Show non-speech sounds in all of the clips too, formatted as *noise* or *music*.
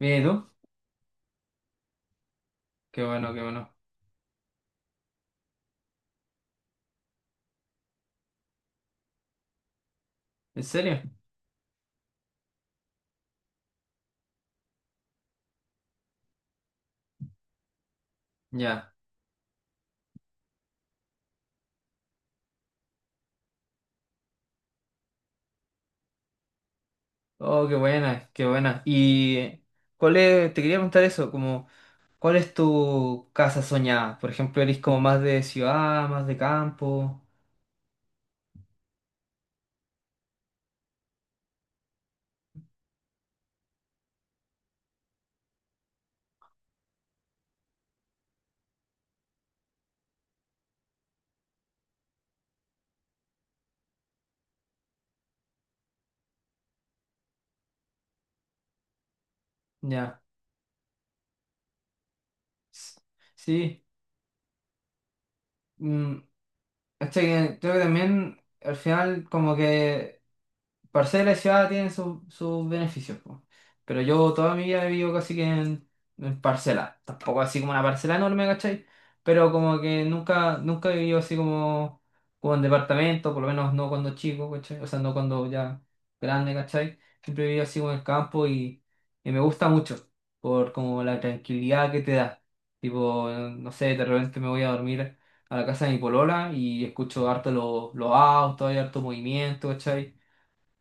Mira, ¿y tú? Qué bueno, qué bueno. ¿En serio? Ya. Oh, qué buena, qué buena. Y cuál es, te quería preguntar eso, como, ¿cuál es tu casa soñada? Por ejemplo, ¿eres como más de ciudad, más de campo? Ya. S- Sí. Mm. ¿Cachai? Que Creo que también al final como que parcela y ciudad tienen sus beneficios, po. Pero yo toda mi vida he vivido casi que en parcela. Tampoco así como una parcela enorme, ¿cachai? Pero como que nunca, nunca he vivido así como en departamento, por lo menos no cuando chico, ¿cachai? O sea, no cuando ya grande, ¿cachai? Siempre he vivido así como en el campo y me gusta mucho por como la tranquilidad que te da. Tipo, no sé, de repente me voy a dormir a la casa de mi polola y escucho harto los autos, hay harto movimiento, ¿cachai?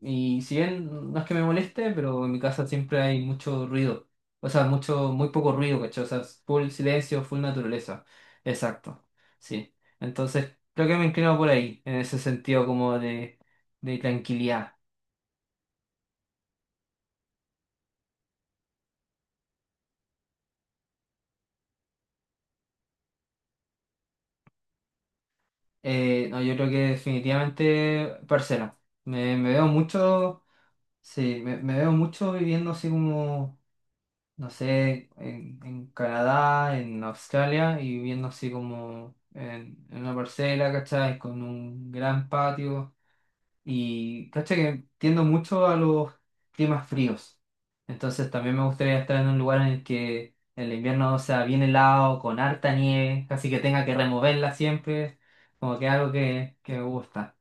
Y si bien no es que me moleste, pero en mi casa siempre hay mucho ruido. O sea, mucho, muy poco ruido, ¿cachai? O sea, es full silencio, full naturaleza. Exacto. Sí. Entonces, creo que me inclino por ahí, en ese sentido como de tranquilidad. No, yo creo que definitivamente parcela. Me veo mucho, sí, me veo mucho viviendo así como no sé, en, Canadá, en Australia, y viviendo así como en una parcela, ¿cachai? Con un gran patio. Y, ¿cachai? Que tiendo mucho a los climas fríos. Entonces también me gustaría estar en un lugar en el que el invierno sea bien helado, con harta nieve, casi que tenga que removerla siempre. Como que algo que me gusta.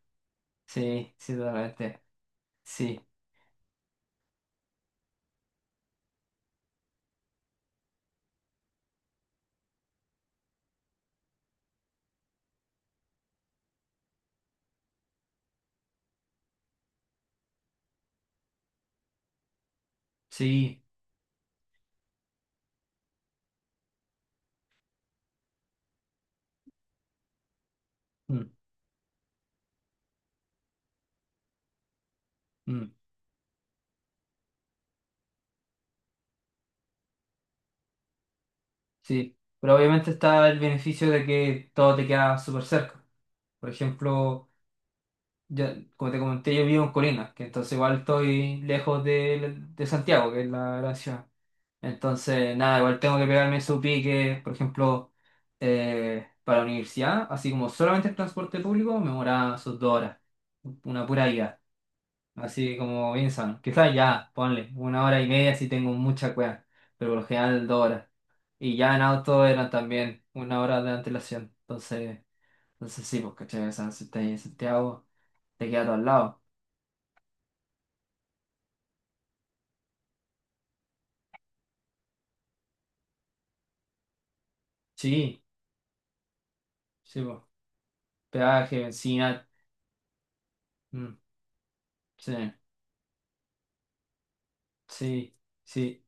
Sí, sí, totalmente. Sí, sí. Mm, mm. Sí, pero obviamente está el beneficio de que todo te queda súper cerca. Por ejemplo, yo, como te comenté, yo vivo en Colinas, que entonces igual estoy lejos de, Santiago, que es la gran ciudad. Entonces, nada, igual tengo que pegarme su pique, por ejemplo, para la universidad, así como solamente el transporte público, me demoraba sus 2 horas, una pura ida, así como bien sano. Quizás ya, ponle, 1 hora y media si tengo mucha cueva, pero por lo general 2 horas. Y ya en auto era también 1 hora de antelación. entonces, sí, pues, ¿cachai? O sea, si estás en Santiago, te queda todo al lado. Sí, sí, pues. Peaje, benzina. Mm, sí, sí, sí.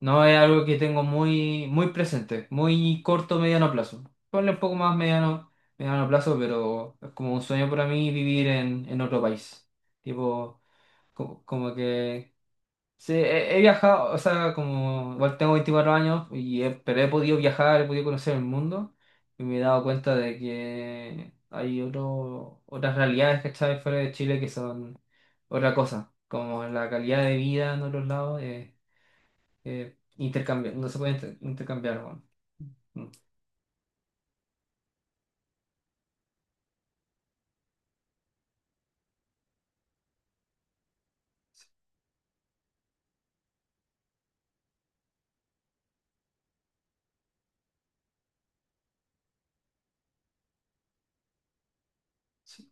No es algo que tengo muy, muy presente, muy corto, mediano plazo. Ponle un poco más mediano, mediano plazo, pero es como un sueño para mí vivir en otro país. Tipo, como que sí, he viajado, o sea, como igual tengo 24 años, y pero he podido viajar, he podido conocer el mundo y me he dado cuenta de que hay otro, otras realidades, ¿cachai? Fuera de Chile que son otra cosa, como la calidad de vida en otros lados, no se puede intercambiar, bueno. Mm. Sí,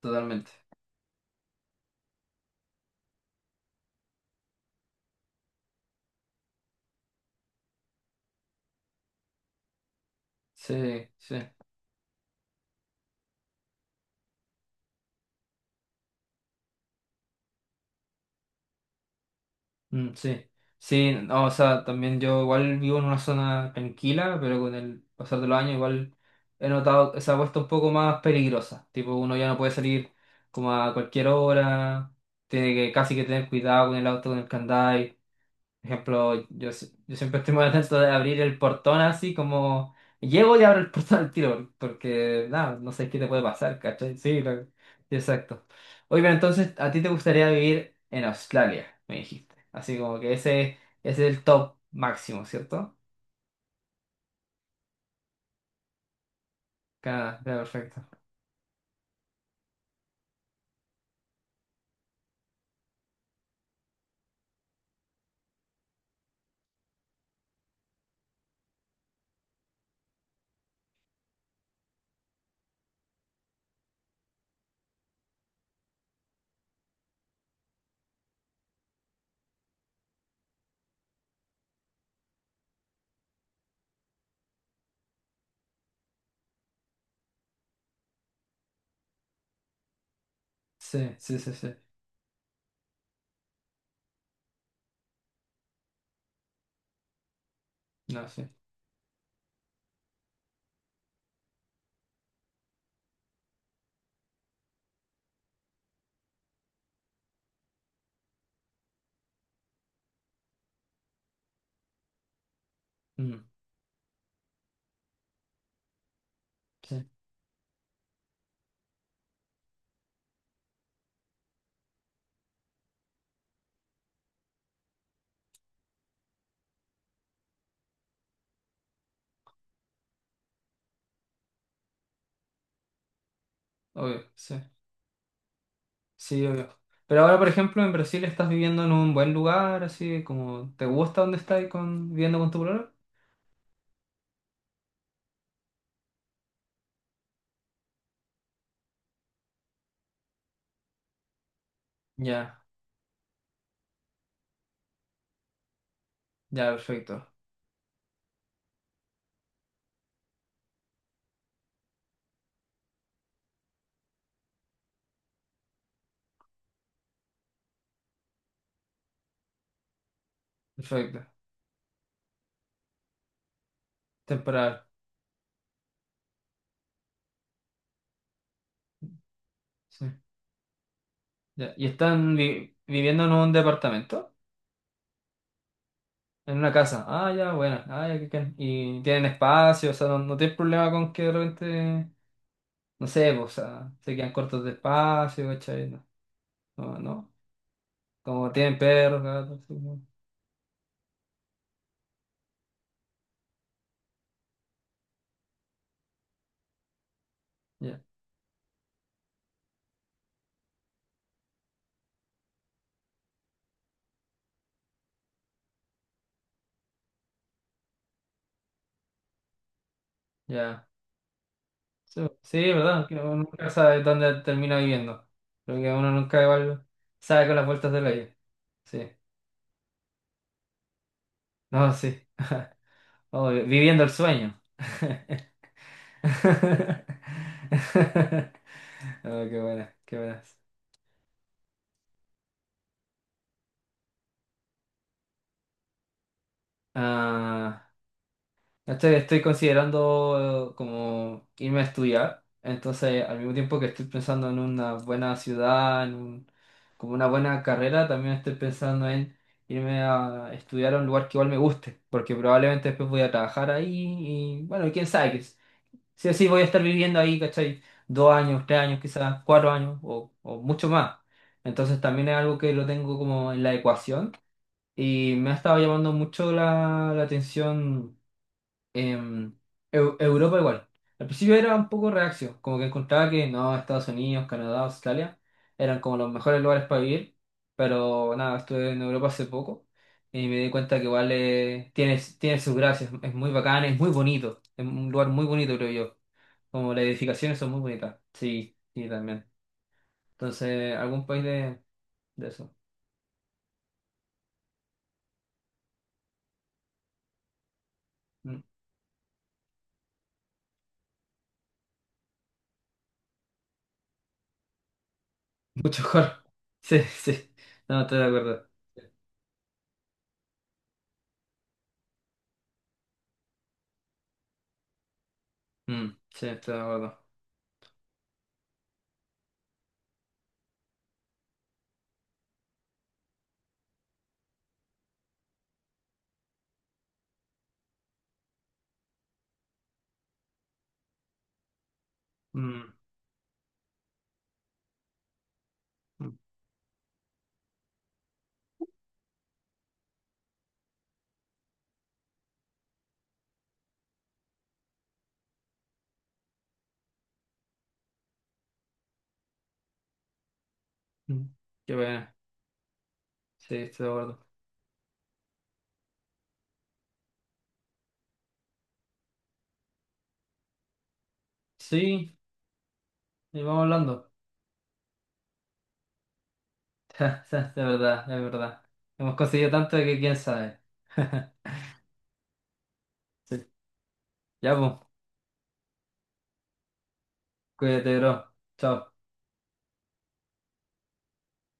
totalmente. Sí, sí. Mm, sí, sí, no, o sea, también yo igual vivo en una zona tranquila, pero con el pasar de los años igual he notado, que se ha puesto un poco más peligrosa, tipo uno ya no puede salir como a cualquier hora, tiene que casi que tener cuidado con el auto, con el candado, por ejemplo, yo, yo siempre estoy muy atento de abrir el portón así como llego y abro el *laughs* portón al tiro, porque nada, no sé qué te puede pasar, ¿cachai? Sí, exacto. Oye, pero entonces, ¿a ti te gustaría vivir en Australia? Me dijiste. Así como que ese es el top máximo, ¿cierto? Canadá, ya, perfecto. Sí, sí, sí, sí. No, sí. Mm, sí, obvio, sí. Sí, obvio. Pero ahora, por ejemplo, en Brasil estás viviendo en un buen lugar, así como, ¿te gusta donde estás viviendo con tu problema? Ya. Ya, perfecto. Perfecto. Temporal. Sí. Ya. ¿Y están viviendo en un departamento? En una casa. Ah, ya, bueno. Ah, ya. Y tienen espacio, o sea, no, no tienen problema con que de repente, no sé, pues, o sea, se quedan cortos de espacio, ¿cachai? No, no. No. Como tienen perros, gatos, sí, no. Ya, ya. Sí, sí, es verdad, que uno nunca sabe dónde termina viviendo. Creo que uno nunca igual sabe con las vueltas de la vida. Sí. No, sí. *laughs* Oh, viviendo el sueño. *laughs* *laughs* Oh, qué buenas, qué buenas. Ah, estoy considerando como irme a estudiar, entonces al mismo tiempo que estoy pensando en una buena ciudad, como una buena carrera, también estoy pensando en irme a estudiar a un lugar que igual me guste, porque probablemente después voy a trabajar ahí y bueno, quién sabe, sí o sí voy a estar viviendo ahí, ¿cachai? 2 años, 3 años, quizás 4 años o mucho más. Entonces también es algo que lo tengo como en la ecuación y me ha estado llamando mucho la atención em, Europa igual. Al principio era un poco reacio, como que encontraba que no, Estados Unidos, Canadá, Australia eran como los mejores lugares para vivir, pero nada, estuve en Europa hace poco y me di cuenta que igual tiene sus gracias, es muy bacán, es muy bonito, es un lugar muy bonito creo yo, como las edificaciones son muy bonitas, sí, sí también. Entonces, algún país de, eso. Mm, mucho mejor, *laughs* sí, sí, no, estoy de acuerdo. Mm, sí, estoy de acuerdo. Mm. Mm. Mm. Qué pena. Sí, estoy de acuerdo. Sí, y vamos hablando. *laughs* De verdad, de verdad. Hemos conseguido tanto que quién sabe. *laughs* Sí. Ya, pues, cuídate, bro. Chao.